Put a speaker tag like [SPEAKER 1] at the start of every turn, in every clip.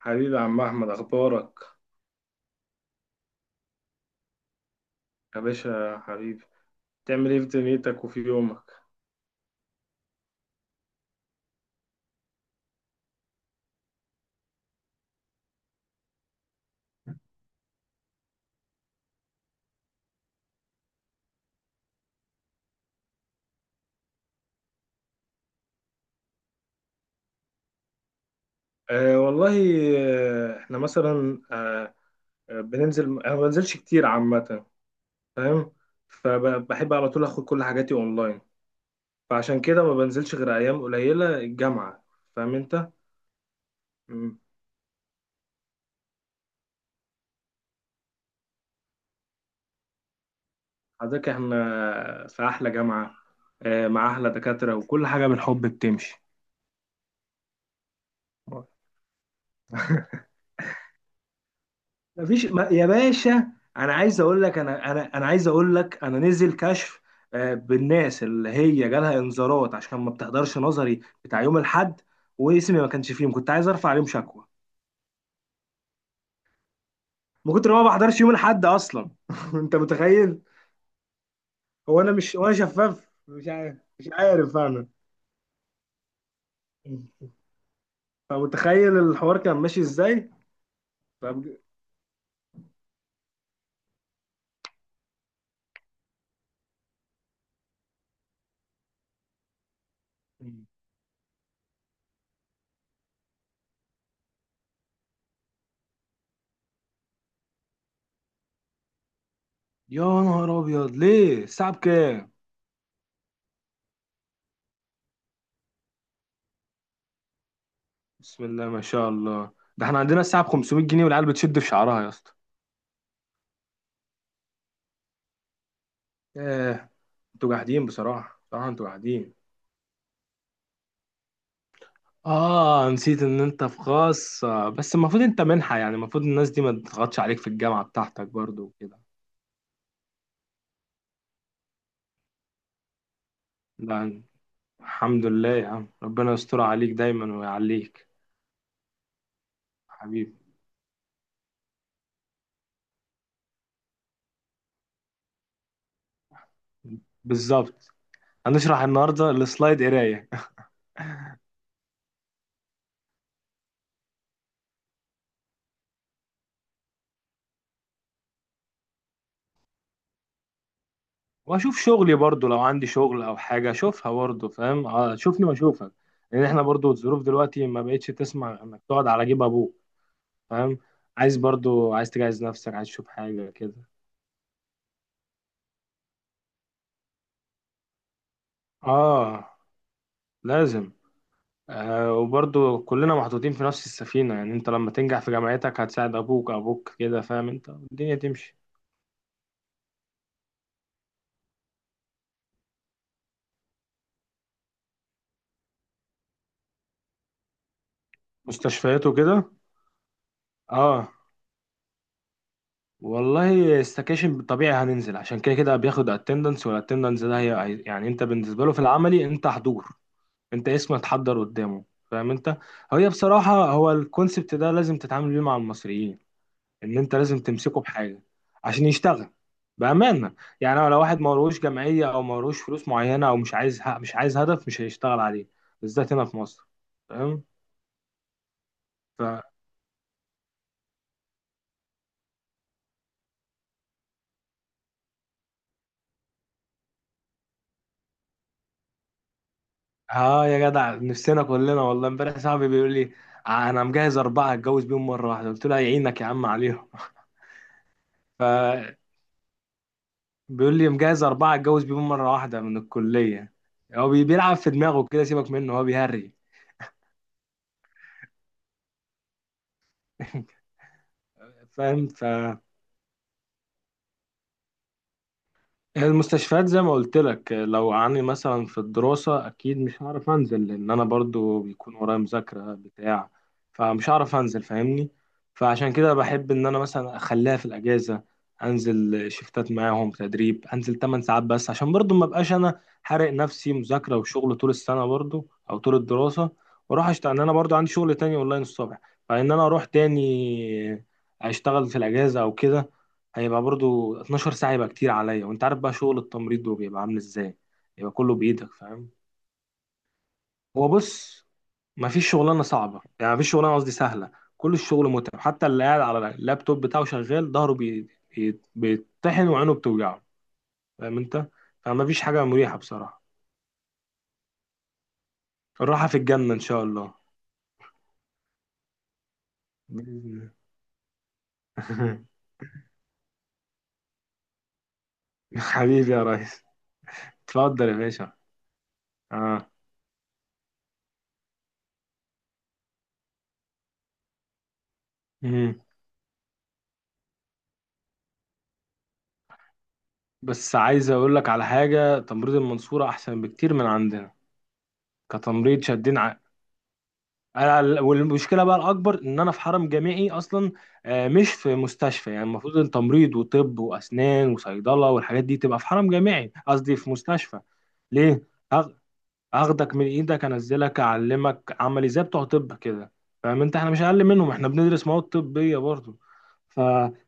[SPEAKER 1] حبيبي يا عم احمد، اخبارك؟ يا باشا يا حبيبي. تعمل ايه في دنيتك وفي يومك؟ أه والله. احنا مثلا أه آه، بننزل. انا ما بنزلش كتير عامه. فاهم. فبحب على طول اخد كل حاجاتي اونلاين. فعشان كده ما بنزلش غير ايام قليله الجامعه. فاهم انت. مم. حضرتك احنا في احلى جامعه مع احلى دكاتره، وكل حاجه بالحب بتمشي. مفيش ما يا باشا. انا عايز اقول لك انا نزل كشف بالناس اللي هي جالها انذارات عشان ما بتحضرش نظري بتاع يوم الاحد. واسمي ما كانش فيهم، كنت عايز ارفع عليهم شكوى. من كتر ما بحضرش يوم الاحد اصلا. انت متخيل؟ هو انا مش، وانا شفاف، مش عارف انا. فمتخيل الحوار كان ماشي ازاي. فبج... يا نهار ابيض، ليه الساعه بكام؟ بسم الله ما شاء الله. ده احنا عندنا الساعه ب 500 جنيه، والعيال بتشد في شعرها يا اسطى. ياه. انتوا جاحدين، بصراحة بصراحة انتوا جاحدين. اه، نسيت ان انت في خاص. بس المفروض انت منحة، يعني المفروض الناس دي ما تضغطش عليك في الجامعة بتاعتك برضو وكده. لا. الحمد لله يا عم، ربنا يستر عليك دايما ويعليك. حبيبي. بالظبط. هنشرح النهاردة السلايد قراية. واشوف شغلي برضو لو عندي شغل او حاجة اشوفها برضو. فاهم. شوفني واشوفك. لان احنا برضو الظروف دلوقتي ما بقتش تسمع انك تقعد على جيب ابوك. فاهم. عايز برضو، عايز تجهز نفسك، عايز تشوف حاجة كده. اه. لازم. آه، وبرضو كلنا محطوطين في نفس السفينة، يعني انت لما تنجح في جامعتك هتساعد ابوك. ابوك كده فاهم انت، الدنيا تمشي. مستشفياته كده. اه. والله استكاشن طبيعي هننزل، عشان كده كده بياخد اتندنس، والاتندنس ده هي يعني انت بالنسبة له في العملي انت حضور. انت اسمك اتحضر قدامه، فاهم انت. هي بصراحة، هو الكونسبت ده لازم تتعامل بيه مع المصريين. ان انت لازم تمسكه بحاجه عشان يشتغل بامانه. يعني لو واحد ملوش جمعيه او ملوش فلوس معينه او مش عايز هدف، مش هيشتغل عليه. بالذات هنا في مصر. فاهم. ف اه يا جدع، نفسنا كلنا. والله امبارح صاحبي بيقول لي انا مجهز اربعه اتجوز بيهم مره واحده. قلت له يعينك يا عم عليهم. ف بيقول لي مجهز اربعه اتجوز بيهم مره واحده من الكليه. هو بيلعب في دماغه كده، سيبك منه هو بيهري. فاهم. هي المستشفيات زي ما قلت لك، لو عني مثلا في الدراسة أكيد مش هعرف أنزل لأن أنا برضو بيكون ورايا مذاكرة بتاع. فمش هعرف أنزل، فاهمني؟ فعشان كده بحب إن أنا مثلا أخليها في الأجازة. أنزل شفتات معاهم تدريب، أنزل 8 ساعات بس عشان برضو ما أبقاش أنا حارق نفسي مذاكرة وشغل طول السنة برضو أو طول الدراسة. وأروح أشتغل لأن أنا برضو عندي شغل تاني أونلاين الصبح. فإن أنا أروح تاني أشتغل في الأجازة أو كده، هيبقى برضو 12 ساعة، يبقى كتير عليا. وانت عارف بقى شغل التمريض ده بيبقى عامل ازاي، يبقى كله بإيدك، فاهم. هو بص، مفيش شغلانة صعبة، يعني مفيش شغلانة، قصدي سهلة. كل الشغل متعب، حتى اللي قاعد على اللابتوب بتاعه شغال ظهره بيتطحن وعينه بتوجعه، فاهم انت. فمفيش حاجة مريحة بصراحة. الراحة في الجنة ان شاء الله. بإذن الله. حبيبي يا ريس. اتفضل يا باشا. اه. مم. بس عايز اقول لك على حاجة، تمريض المنصورة احسن بكتير من عندنا. كتمريض شادين والمشكله بقى الاكبر ان انا في حرم جامعي اصلا، مش في مستشفى. يعني المفروض ان تمريض وطب واسنان وصيدله والحاجات دي تبقى في حرم جامعي، قصدي في مستشفى. ليه؟ هاخ- هاخدك من ايدك انزلك اعلمك عملي زي بتوع طب كده. فاهم انت، احنا مش اقل منهم، احنا بندرس مواد طبيه برضه. ف...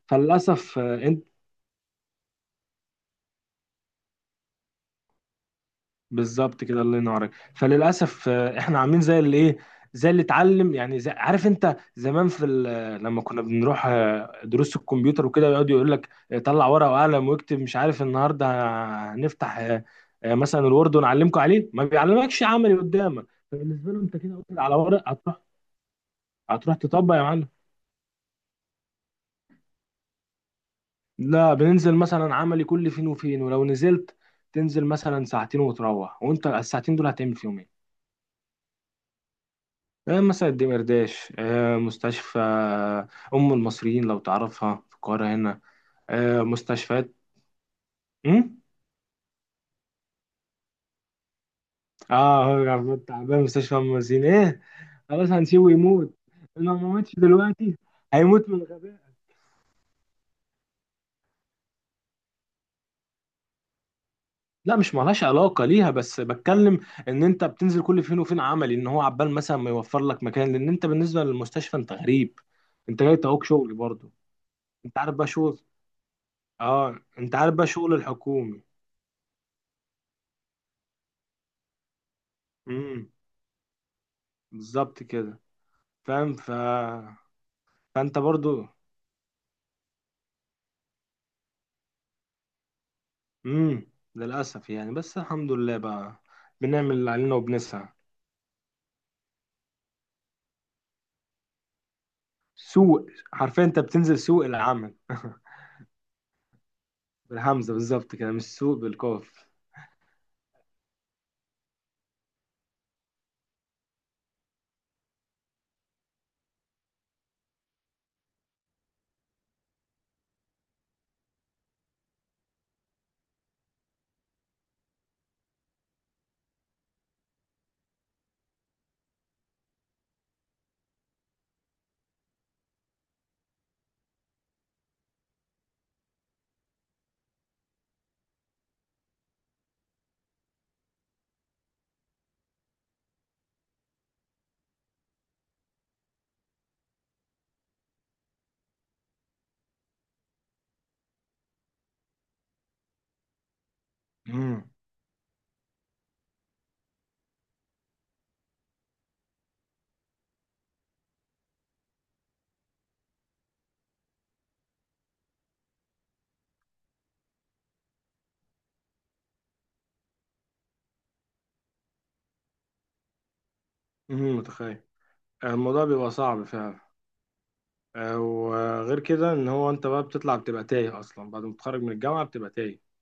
[SPEAKER 1] فللاسف بالظبط كده، الله ينورك. فللاسف احنا عاملين زي اللي ايه، زي اللي اتعلم يعني. زي عارف انت زمان في لما كنا بنروح دروس الكمبيوتر وكده، يقعد يقول لك طلع ورقه وقلم واكتب، مش عارف النهارده هنفتح مثلا الوورد ونعلمكم عليه، ما بيعلمكش عملي قدامك. فبالنسبه له انت كده واخد على ورق. هتروح، هتروح تطبق يا معلم. لا، بننزل مثلا عملي كل فين وفين، ولو نزلت تنزل مثلا ساعتين وتروح، وانت الساعتين دول هتعمل فيهم ايه؟ مثلا الدمرداش، مستشفى أم المصريين لو تعرفها في القاهرة هنا. مستشفيات أم؟ اه، هو عبود تعبان مستشفى أم المصريين ايه، خلاص هنسيبه يموت. لو ما ماتش دلوقتي هيموت من الغباء. لا، مش مالهاش علاقة ليها، بس بتكلم ان انت بتنزل كل فين وفين عملي، ان هو عبال مثلا ما يوفر لك مكان لان انت بالنسبة للمستشفى انت غريب. انت جاي تعوق شغل برضه. انت عارف بقى شغل، اه انت عارف بقى شغل الحكومي. امم. بالظبط كده. فاهم. فانت برضو. امم. للاسف يعني، بس الحمد لله بقى بنعمل اللي علينا وبنسعى. سوق حرفيا انت بتنزل سوق العمل. بالهمزه، بالظبط كده، مش سوق بالقاف. امم. امم، متخيل. الموضوع بيبقى صعب فعلا. وغير كده ان هو انت بقى بتطلع بتبقى تايه اصلا، بعد ما تتخرج من الجامعه بتبقى تايه.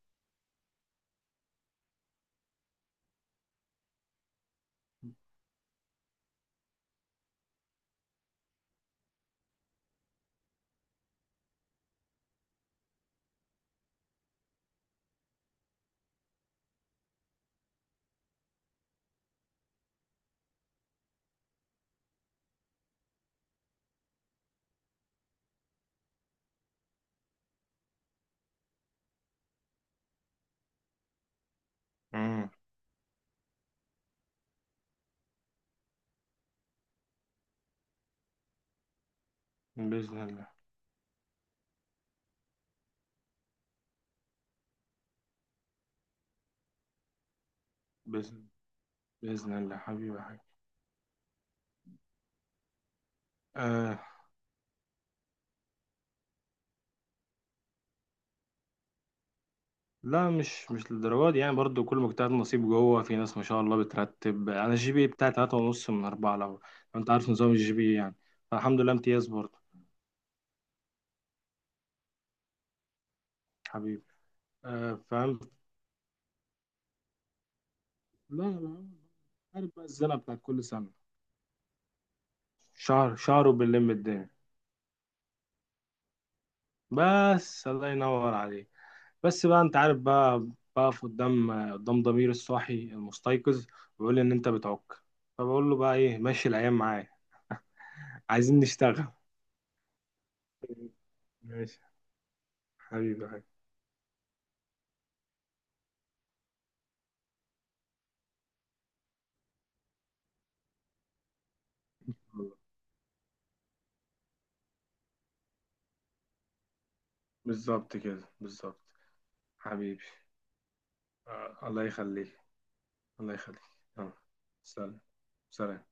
[SPEAKER 1] امم. باذن الله. باذن باذن الله، حبيبي يا حبيبي. آه، لا، مش للدرجة دي يعني. برضو كل مجتهد نصيب، جوه في ناس ما شاء الله بترتب. انا الجي بي بتاعي تلاتة ونص من أربعة، لو انت عارف نظام الجي بي يعني. فالحمد لله امتياز برضو. حبيبي. آه، فاهم. لا، لا، عارف بقى الزنقة بتاعت كل سنة، شهر شهر وبنلم الدنيا. بس الله ينور عليك. بس بقى انت عارف بقى، بقف قدام ضمير الصاحي المستيقظ، ويقول لي ان انت بتعك، فبقول له بقى ايه، ماشي الايام معايا، عايزين نشتغل. ماشي. حبيبي حبيبي. بالظبط كده، بالظبط. حبيبي. الله يخليك، الله يخليك. يلا. سلام. سلام.